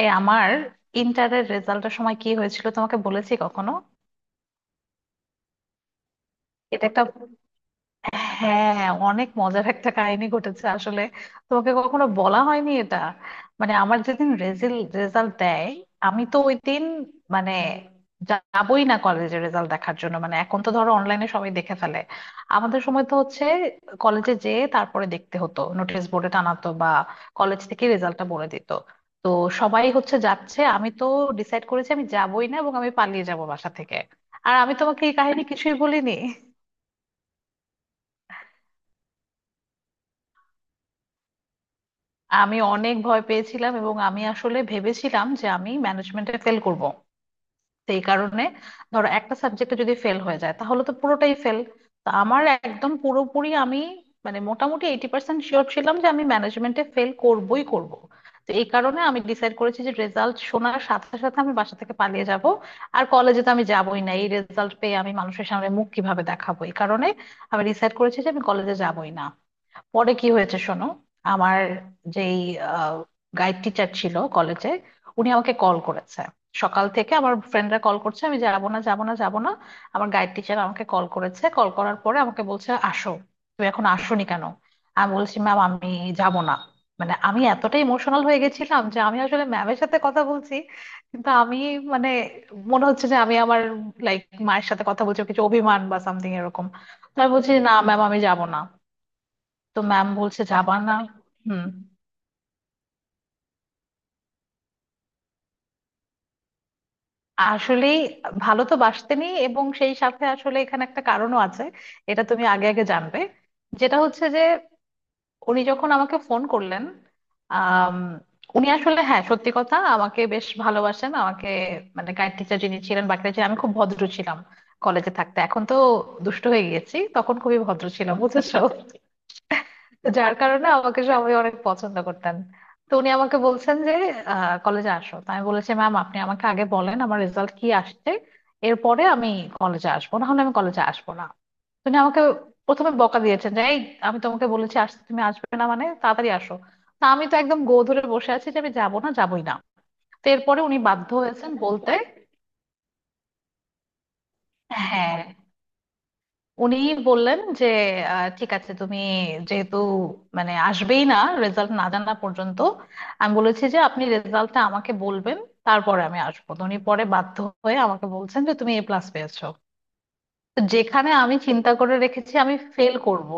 এই আমার ইন্টারের রেজাল্টের সময় কি হয়েছিল তোমাকে বলেছি কখনো? এটা একটা হ্যাঁ, অনেক মজার একটা কাহিনী ঘটেছে আসলে। তোমাকে কখনো বলা হয়নি এটা। মানে আমার যেদিন রেজাল্ট দেয়, আমি তো ওই দিন মানে যাবই না কলেজে রেজাল্ট দেখার জন্য। মানে এখন তো ধরো অনলাইনে সবাই দেখে ফেলে, আমাদের সময় তো হচ্ছে কলেজে যেয়ে তারপরে দেখতে হতো, নোটিশ বোর্ডে টানাতো, বা কলেজ থেকে রেজাল্টটা বলে দিত। তো সবাই হচ্ছে যাচ্ছে, আমি তো ডিসাইড করেছি আমি যাবই না, এবং আমি পালিয়ে যাব বাসা থেকে। আর আমি তোমাকে এই কাহিনী কিছুই বলিনি। আমি অনেক ভয় পেয়েছিলাম, এবং আমি আসলে ভেবেছিলাম যে আমি ম্যানেজমেন্টে ফেল করব। সেই কারণে, ধরো একটা সাবজেক্টে যদি ফেল হয়ে যায় তাহলে তো পুরোটাই ফেল। তো আমার একদম পুরোপুরি আমি মানে মোটামুটি 80% শিওর ছিলাম যে আমি ম্যানেজমেন্টে ফেল করবই করব। তো এই কারণে আমি ডিসাইড করেছি যে রেজাল্ট শোনার সাথে সাথে আমি বাসা থেকে পালিয়ে যাব। আর কলেজে তো আমি যাবই না, এই রেজাল্ট পেয়ে আমি মানুষের সামনে মুখ কিভাবে দেখাবো, এই কারণে আমি ডিসাইড করেছি যে আমি কলেজে যাবই না। পরে কি হয়েছে শোনো। আমার যেই গাইড টিচার ছিল কলেজে, উনি আমাকে কল করেছে। সকাল থেকে আমার ফ্রেন্ডরা কল করছে, আমি যাবো না যাবো না যাবো না। আমার গাইড টিচার আমাকে কল করেছে, কল করার পরে আমাকে বলছে আসো, তুমি এখন আসোনি কেন। আমি বলছি ম্যাম আমি যাব না। মানে আমি এতটা ইমোশনাল হয়ে গেছিলাম যে আমি আসলে ম্যামের সাথে কথা বলছি কিন্তু আমি মানে মনে হচ্ছে যে আমি আমার লাইক মায়ের সাথে কথা বলছি, কিছু অভিমান বা সামথিং এরকম। তো আমি বলছি না ম্যাম আমি যাব না। তো ম্যাম বলছে যাবা না। হুম। আসলেই ভালো তো বাসতেনি, এবং সেই সাথে আসলে এখানে একটা কারণও আছে, এটা তুমি আগে আগে জানবে। যেটা হচ্ছে যে উনি যখন আমাকে ফোন করলেন, আম, উনি আসলে হ্যাঁ, সত্যি কথা, আমাকে বেশ ভালোবাসেন আমাকে। মানে গাইড টিচার যিনি ছিলেন বাকিটা ছিলেন, আমি খুব ভদ্র ছিলাম কলেজে থাকতে। এখন তো দুষ্ট হয়ে গেছি, তখন খুবই ভদ্র ছিলাম বুঝেছো। যার কারণে আমাকে সবাই অনেক পছন্দ করতেন। তো উনি আমাকে বলছেন যে কলেজে আসো, তো আমি বলেছি ম্যাম আপনি আমাকে আগে বলেন আমার রেজাল্ট কি আসছে, এরপরে আমি কলেজে আসবো, না হলে আমি কলেজে আসবো না। তো উনি আমাকে প্রথমে বকা দিয়েছেন যে এই, আমি তোমাকে বলেছি আসতে তুমি আসবে না মানে, তাড়াতাড়ি আসো। তা আমি তো একদম গো ধরে বসে আছি যে আমি যাবো না যাবোই না। তো এরপরে উনি বাধ্য হয়েছেন বলতে। হ্যাঁ, উনি বললেন যে ঠিক আছে তুমি যেহেতু মানে আসবেই না রেজাল্ট না জানা পর্যন্ত, আমি বলেছি যে আপনি রেজাল্টটা আমাকে বলবেন তারপরে আমি আসবো। তো উনি পরে বাধ্য হয়ে আমাকে বলছেন যে তুমি এ প্লাস পেয়েছো। তো যেখানে আমি চিন্তা করে রেখেছি আমি ফেল করব,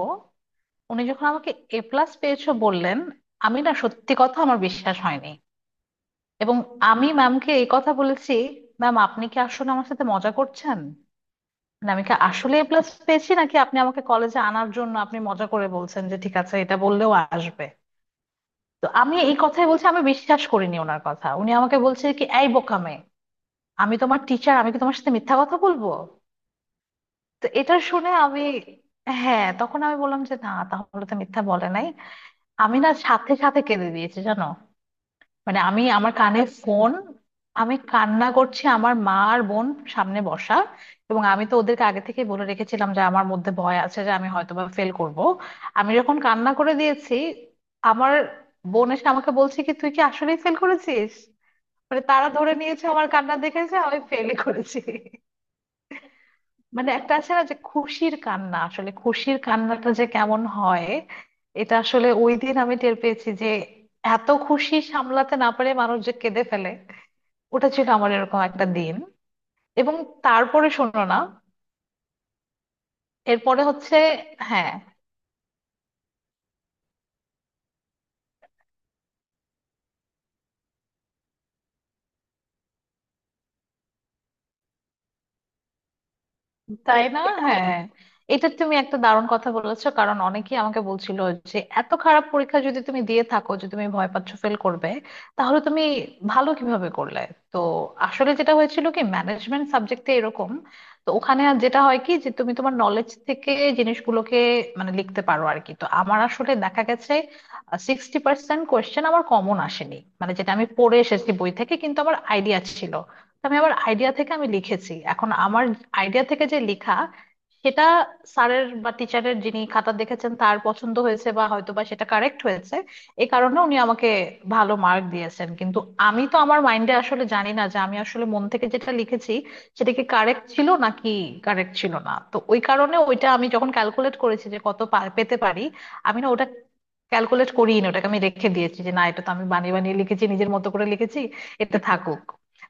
উনি যখন আমাকে এ প্লাস পেয়েছো বললেন, আমি না সত্যি কথা আমার বিশ্বাস হয়নি। এবং আমি ম্যামকে এই কথা বলেছি, ম্যাম আপনি কি আসলে আমার সাথে মজা করছেন? মানে আমি কি আসলে এ প্লাস পেয়েছি নাকি আপনি আমাকে কলেজে আনার জন্য আপনি মজা করে বলছেন যে ঠিক আছে এটা বললেও আসবে। তো আমি এই কথাই বলছি, আমি বিশ্বাস করিনি ওনার কথা। উনি আমাকে বলছে কি এই বোকামে, আমি তোমার টিচার আমি কি তোমার সাথে মিথ্যা কথা বলবো। তো এটা শুনে আমি, হ্যাঁ তখন আমি বললাম যে না তাহলে তো মিথ্যা বলে নাই। আমি না সাথে সাথে কেঁদে দিয়েছি জানো। মানে আমি আমার কানে ফোন, আমি কান্না করছি, আমার মা আর বোন সামনে বসা, এবং আমি তো ওদেরকে আগে থেকে বলে রেখেছিলাম যে আমার মধ্যে ভয় আছে যে আমি হয়তোবা ফেল করব। আমি যখন কান্না করে দিয়েছি, আমার বোন এসে আমাকে বলছে কি তুই কি আসলেই ফেল করেছিস? মানে তারা ধরে নিয়েছে আমার কান্না দেখেছে আমি ফেল করেছি। মানে একটা আছে না যে খুশির কান্না, আসলে খুশির কান্নাটা যে কেমন হয় এটা আসলে ওই দিন আমি টের পেয়েছি, যে এত খুশি সামলাতে না পারে মানুষ যে কেঁদে ফেলে। ওটা ছিল আমার এরকম একটা দিন। এবং তারপরে শোনো না, এরপরে হচ্ছে, হ্যাঁ। তাই না, হ্যাঁ। এটা তুমি একটা দারুণ কথা বলেছো কারণ অনেকেই আমাকে বলছিল যে এত খারাপ পরীক্ষা যদি তুমি দিয়ে থাকো যে তুমি ভয় পাচ্ছ ফেল করবে, তাহলে তুমি ভালো কিভাবে করলে। তো আসলে যেটা হয়েছিল কি, ম্যানেজমেন্ট সাবজেক্টে এরকম, তো ওখানে আর যেটা হয় কি যে তুমি তোমার নলেজ থেকে জিনিসগুলোকে মানে লিখতে পারো আর কি। তো আমার আসলে দেখা গেছে 60% কোয়েশ্চেন আমার কমন আসেনি, মানে যেটা আমি পড়ে এসেছি বই থেকে, কিন্তু আমার আইডিয়া ছিল। তো আমি আবার আইডিয়া থেকে আমি লিখেছি। এখন আমার আইডিয়া থেকে যে লেখা, সেটা স্যারের বা টিচারের যিনি খাতা দেখেছেন তার পছন্দ হয়েছে বা হয়তো বা সেটা কারেক্ট হয়েছে। এই কারণে উনি আমাকে ভালো মার্ক দিয়েছেন। কিন্তু আমি তো আমার মাইন্ডে আসলে জানি না যে আমি আসলে মন থেকে যেটা লিখেছি সেটা কি কারেক্ট ছিল নাকি কারেক্ট ছিল না। তো ওই কারণে ওইটা আমি যখন ক্যালকুলেট করেছি যে কত পেতে পারি, আমি না ওটা ক্যালকুলেট করিনি, ওটাকে আমি রেখে দিয়েছি যে না এটা তো আমি বানিয়ে বানিয়ে লিখেছি, নিজের মতো করে লিখেছি, এটা থাকুক।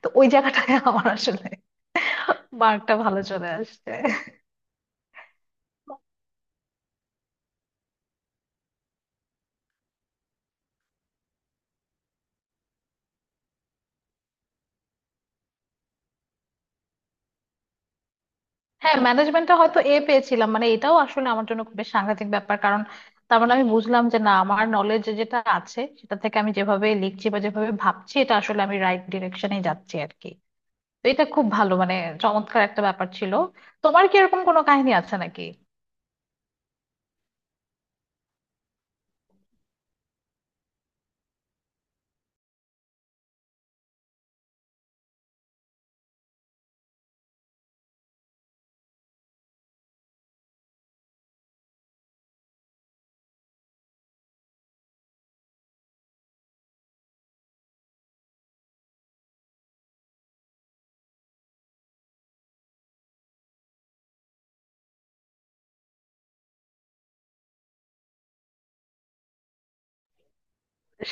তো ওই জায়গাটায় আমার আসলে মার্কটা ভালো চলে আসছে। হ্যাঁ ম্যানেজমেন্টটা হয়তো এ পেয়েছিলাম, মানে এটাও আসলে আমার জন্য খুব বেশ সাংঘাতিক ব্যাপার কারণ তার মানে আমি বুঝলাম যে না আমার নলেজ যেটা আছে সেটা থেকে আমি যেভাবে লিখছি বা যেভাবে ভাবছি, এটা আসলে আমি রাইট ডিরেকশনে যাচ্ছি আর কি। তো এটা খুব ভালো, মানে চমৎকার একটা ব্যাপার ছিল। তোমার কি এরকম কোনো কাহিনী আছে নাকি?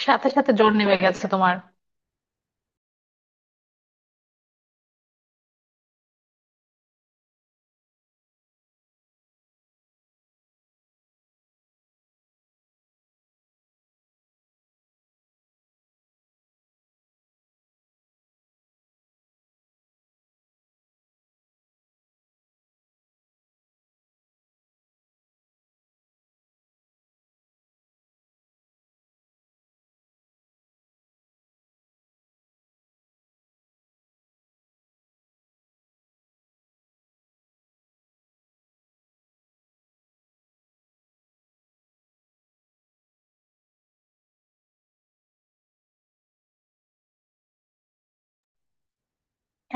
সাথে সাথে জ্বর নেমে গেছে তোমার?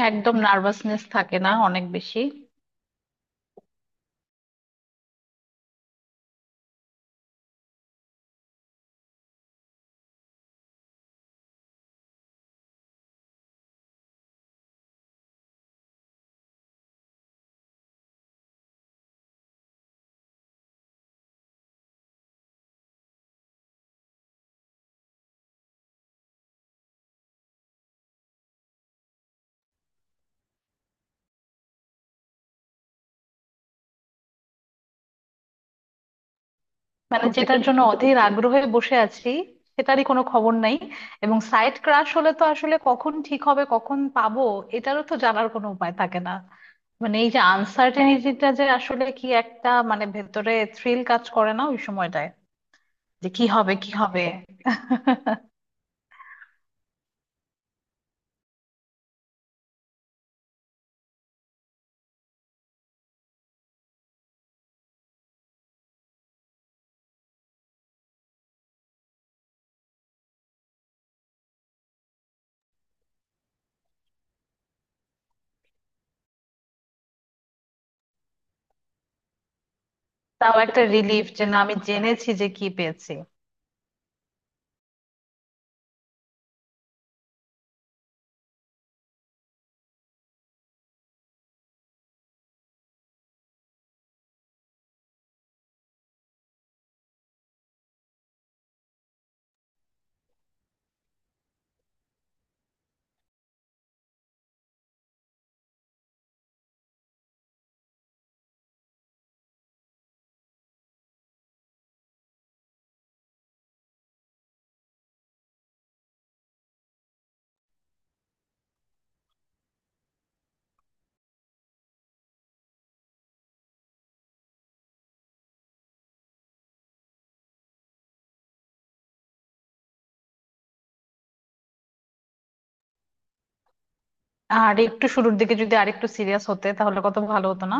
একদম নার্ভাসনেস থাকে না অনেক বেশি। মানে যেটার জন্য অধীর আগ্রহে বসে আছি সেটারই কোনো খবর নাই, এবং সাইট ক্রাশ হলে তো আসলে কখন ঠিক হবে কখন পাবো এটারও তো জানার কোনো উপায় থাকে না। মানে এই যে আনসার্টেনিটিটা, যে আসলে কি একটা মানে ভেতরে থ্রিল কাজ করে না ওই সময়টায়, যে কি হবে কি হবে। তাও একটা রিলিফ যে না, আমি জেনেছি যে কি পেয়েছি। আর একটু শুরুর দিকে যদি আরেকটু সিরিয়াস হতে তাহলে কত ভালো হতো না।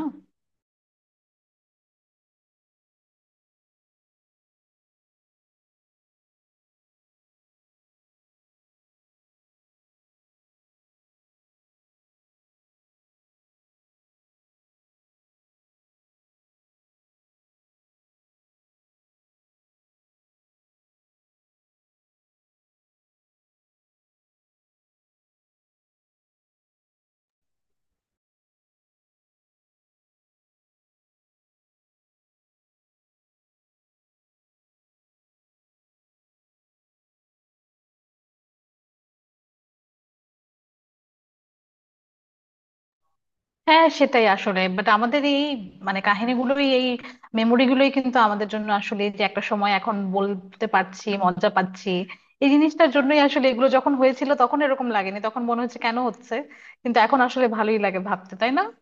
হ্যাঁ সেটাই আসলে, বাট আমাদের এই মানে কাহিনীগুলোই, এই মেমোরিগুলোই কিন্তু আমাদের জন্য আসলে, যে একটা সময় এখন বলতে পারছি মজা পাচ্ছি এই জিনিসটার জন্যই। আসলে এগুলো যখন হয়েছিল তখন এরকম লাগেনি, তখন মনে হচ্ছে কেন হচ্ছে, কিন্তু এখন আসলে ভালোই লাগে ভাবতে, তাই না।